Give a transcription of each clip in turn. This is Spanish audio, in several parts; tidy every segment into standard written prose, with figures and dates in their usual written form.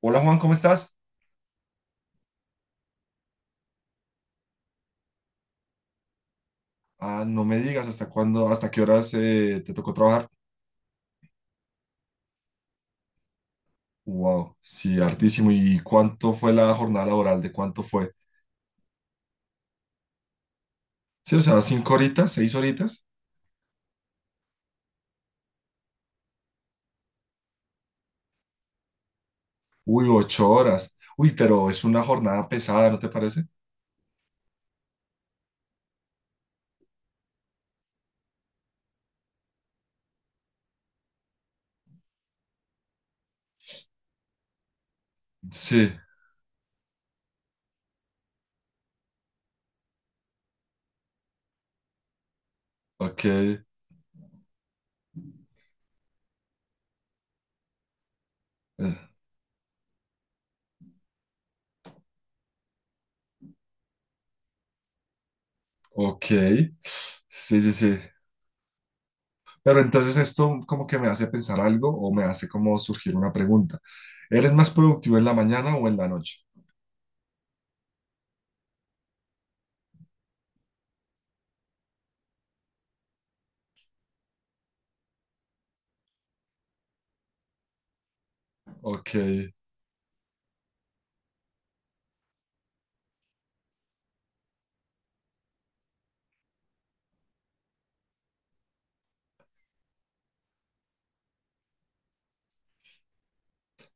Hola Juan, ¿cómo estás? Ah, no me digas hasta cuándo, hasta qué horas te tocó trabajar. Wow, sí, hartísimo. ¿Y cuánto fue la jornada laboral? ¿De cuánto fue? Sí, o sea, cinco horitas, seis horitas. Uy, ocho horas. Uy, pero es una jornada pesada, ¿no te parece? Sí, ok, ok. Sí, sí, sí. Pero entonces esto como que me hace pensar algo o me hace como surgir una pregunta. ¿Eres más productivo en la mañana o en la noche? Ok.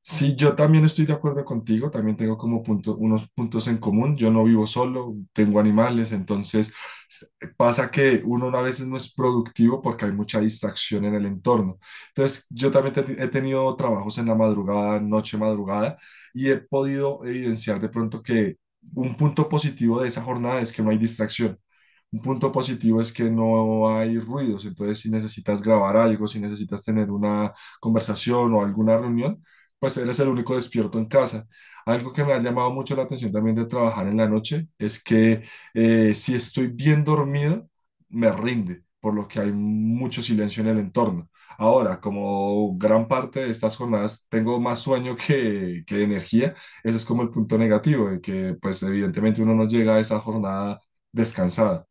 Sí, yo también estoy de acuerdo contigo, también tengo como unos puntos en común. Yo no vivo solo, tengo animales, entonces s- pasa que uno a veces no es productivo porque hay mucha distracción en el entorno. Entonces, yo también he tenido trabajos en la madrugada, noche madrugada, y he podido evidenciar de pronto que un punto positivo de esa jornada es que no hay distracción. Un punto positivo es que no hay ruidos, entonces si necesitas grabar algo, si necesitas tener una conversación o alguna reunión, pues eres el único despierto en casa. Algo que me ha llamado mucho la atención también de trabajar en la noche es que si estoy bien dormido, me rinde, por lo que hay mucho silencio en el entorno. Ahora, como gran parte de estas jornadas tengo más sueño que energía, ese es como el punto negativo, de que pues evidentemente uno no llega a esa jornada descansada.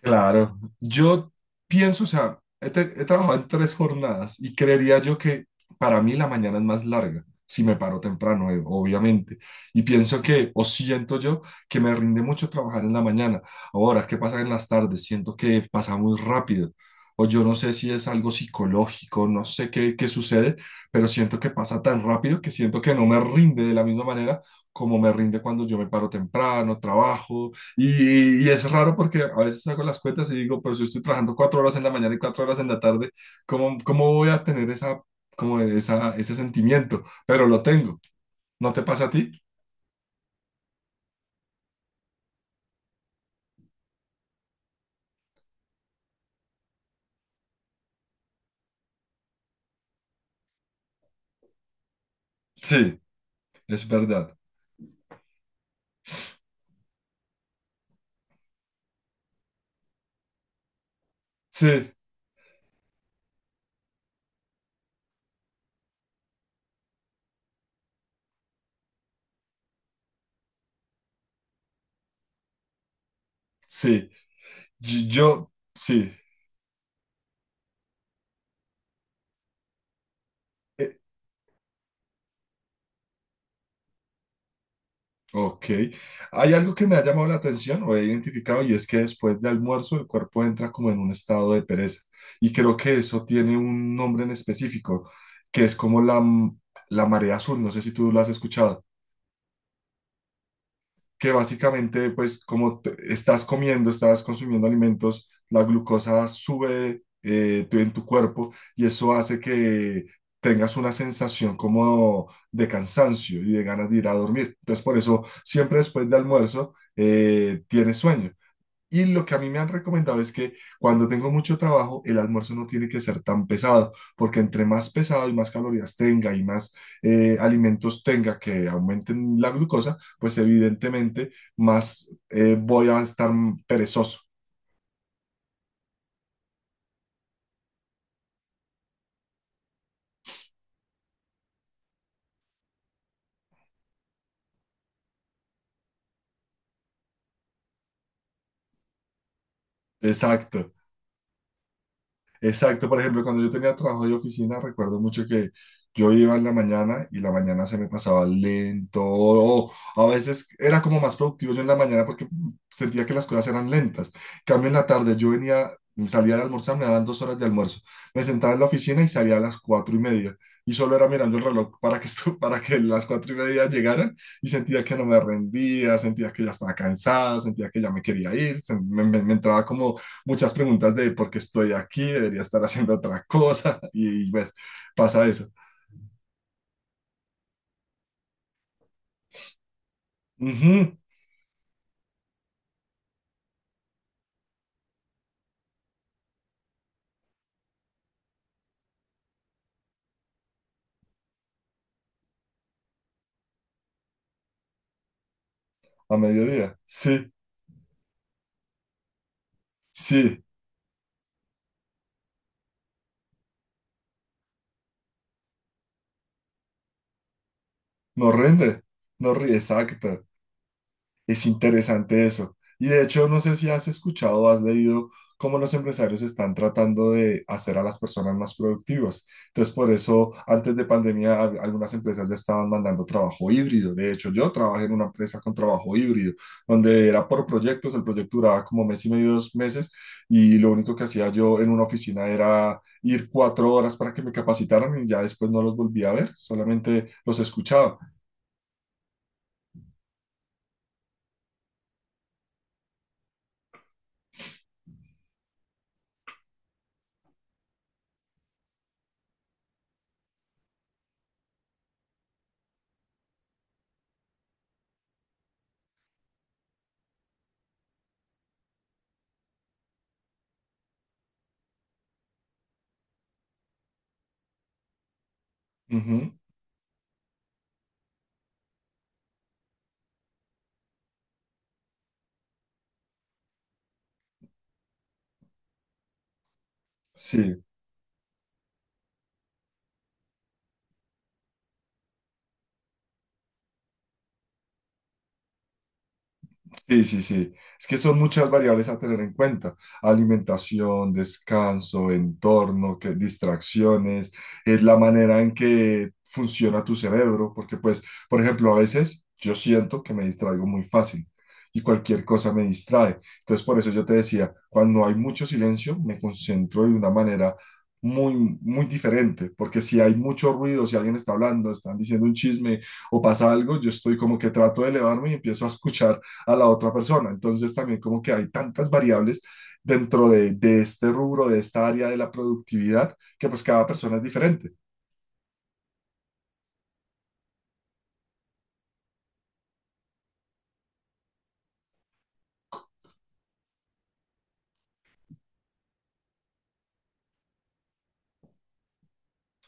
Claro, yo pienso, o sea, he trabajado en tres jornadas y creería yo que para mí la mañana es más larga, si me paro temprano, obviamente. Y pienso que, o siento yo, que me rinde mucho trabajar en la mañana. Ahora, ¿qué pasa en las tardes? Siento que pasa muy rápido. O yo no sé si es algo psicológico, no sé qué sucede, pero siento que pasa tan rápido que siento que no me rinde de la misma manera como me rinde cuando yo me paro temprano, trabajo. Y es raro porque a veces hago las cuentas y digo, pero si estoy trabajando cuatro horas en la mañana y cuatro horas en la tarde, ¿ cómo voy a tener esa, como esa, ese sentimiento? Pero lo tengo. ¿No te pasa a ti? Sí, es verdad. Sí, sí. Sí. Ok. Hay algo que me ha llamado la atención o he identificado y es que después de almuerzo el cuerpo entra como en un estado de pereza. Y creo que eso tiene un nombre en específico, que es como la marea azul. No sé si tú lo has escuchado que básicamente, pues como estás comiendo, estás consumiendo alimentos, la glucosa sube en tu cuerpo y eso hace que tengas una sensación como de cansancio y de ganas de ir a dormir. Entonces, por eso, siempre después de almuerzo, tienes sueño. Y lo que a mí me han recomendado es que cuando tengo mucho trabajo, el almuerzo no tiene que ser tan pesado, porque entre más pesado y más calorías tenga y más alimentos tenga que aumenten la glucosa, pues evidentemente más voy a estar perezoso. Exacto. Exacto, por ejemplo, cuando yo tenía trabajo de oficina, recuerdo mucho que yo iba en la mañana y la mañana se me pasaba lento, o a veces era como más productivo yo en la mañana porque sentía que las cosas eran lentas. En cambio en la tarde, yo venía, salía de almorzar, me daban dos horas de almuerzo, me sentaba en la oficina y salía a las cuatro y media y solo era mirando el reloj para que, esto, para que las cuatro y media llegaran y sentía que no me rendía, sentía que ya estaba cansado, sentía que ya me quería ir, me entraba como muchas preguntas de por qué estoy aquí, debería estar haciendo otra cosa y, pues pasa eso. Ujú. A mediodía, sí, sí, no rinde, no ríe, exacto. Es interesante eso. Y de hecho, no sé si has escuchado o has leído cómo los empresarios están tratando de hacer a las personas más productivas. Entonces, por eso, antes de pandemia, algunas empresas ya estaban mandando trabajo híbrido. De hecho, yo trabajé en una empresa con trabajo híbrido, donde era por proyectos, el proyecto duraba como mes y medio, dos meses, y lo único que hacía yo en una oficina era ir cuatro horas para que me capacitaran y ya después no los volví a ver, solamente los escuchaba. Ujú. Sí. Sí, sí, sí. Es que son muchas variables a tener en cuenta. Alimentación, descanso, entorno, que, distracciones, es la manera en que funciona tu cerebro, porque pues, por ejemplo, a veces yo siento que me distraigo muy fácil y cualquier cosa me distrae. Entonces, por eso yo te decía, cuando hay mucho silencio, me concentro de una manera muy diferente, porque si hay mucho ruido, si alguien está hablando, están diciendo un chisme o pasa algo, yo estoy como que trato de elevarme y empiezo a escuchar a la otra persona. Entonces también como que hay tantas variables dentro de este rubro, de esta área de la productividad, que pues cada persona es diferente.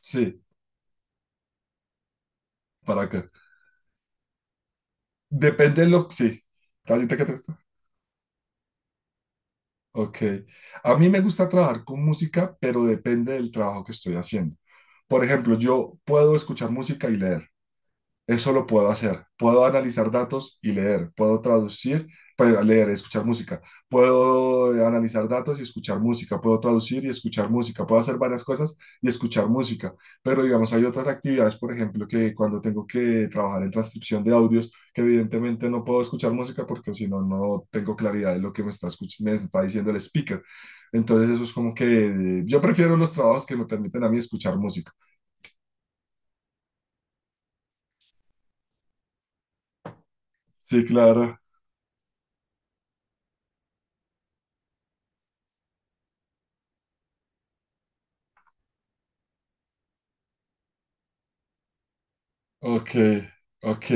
Sí, para acá. Depende de lo que... Sí. ¿Ahorita qué te gusta? Ok. A mí me gusta trabajar con música, pero depende del trabajo que estoy haciendo. Por ejemplo, yo puedo escuchar música y leer. Eso lo puedo hacer. Puedo analizar datos y leer. Puedo traducir, pero leer, escuchar música. Puedo analizar datos y escuchar música. Puedo traducir y escuchar música. Puedo hacer varias cosas y escuchar música. Pero digamos, hay otras actividades, por ejemplo, que cuando tengo que trabajar en transcripción de audios, que evidentemente no puedo escuchar música porque si no, no tengo claridad de lo que me está, me está diciendo el speaker. Entonces eso es como que yo prefiero los trabajos que me permiten a mí escuchar música. Sí, claro. Ok, ok.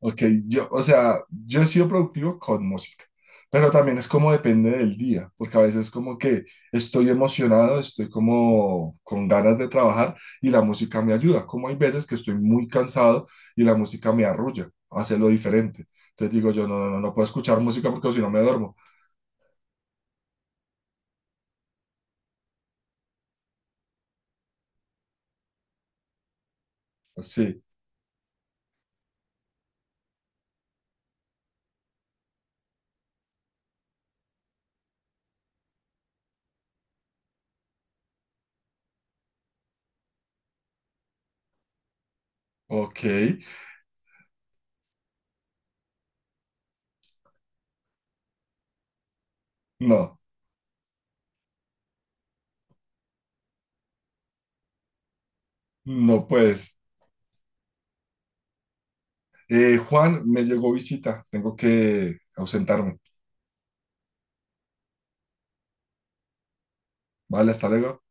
Ok, o sea, yo he sido productivo con música, pero también es como depende del día, porque a veces como que estoy emocionado, estoy como con ganas de trabajar y la música me ayuda, como hay veces que estoy muy cansado y la música me arrulla, hace lo diferente. Entonces digo yo, no puedo escuchar música porque si no me duermo. Sí, ok, no, no pues. Juan, me llegó visita, tengo que ausentarme. Vale, hasta luego.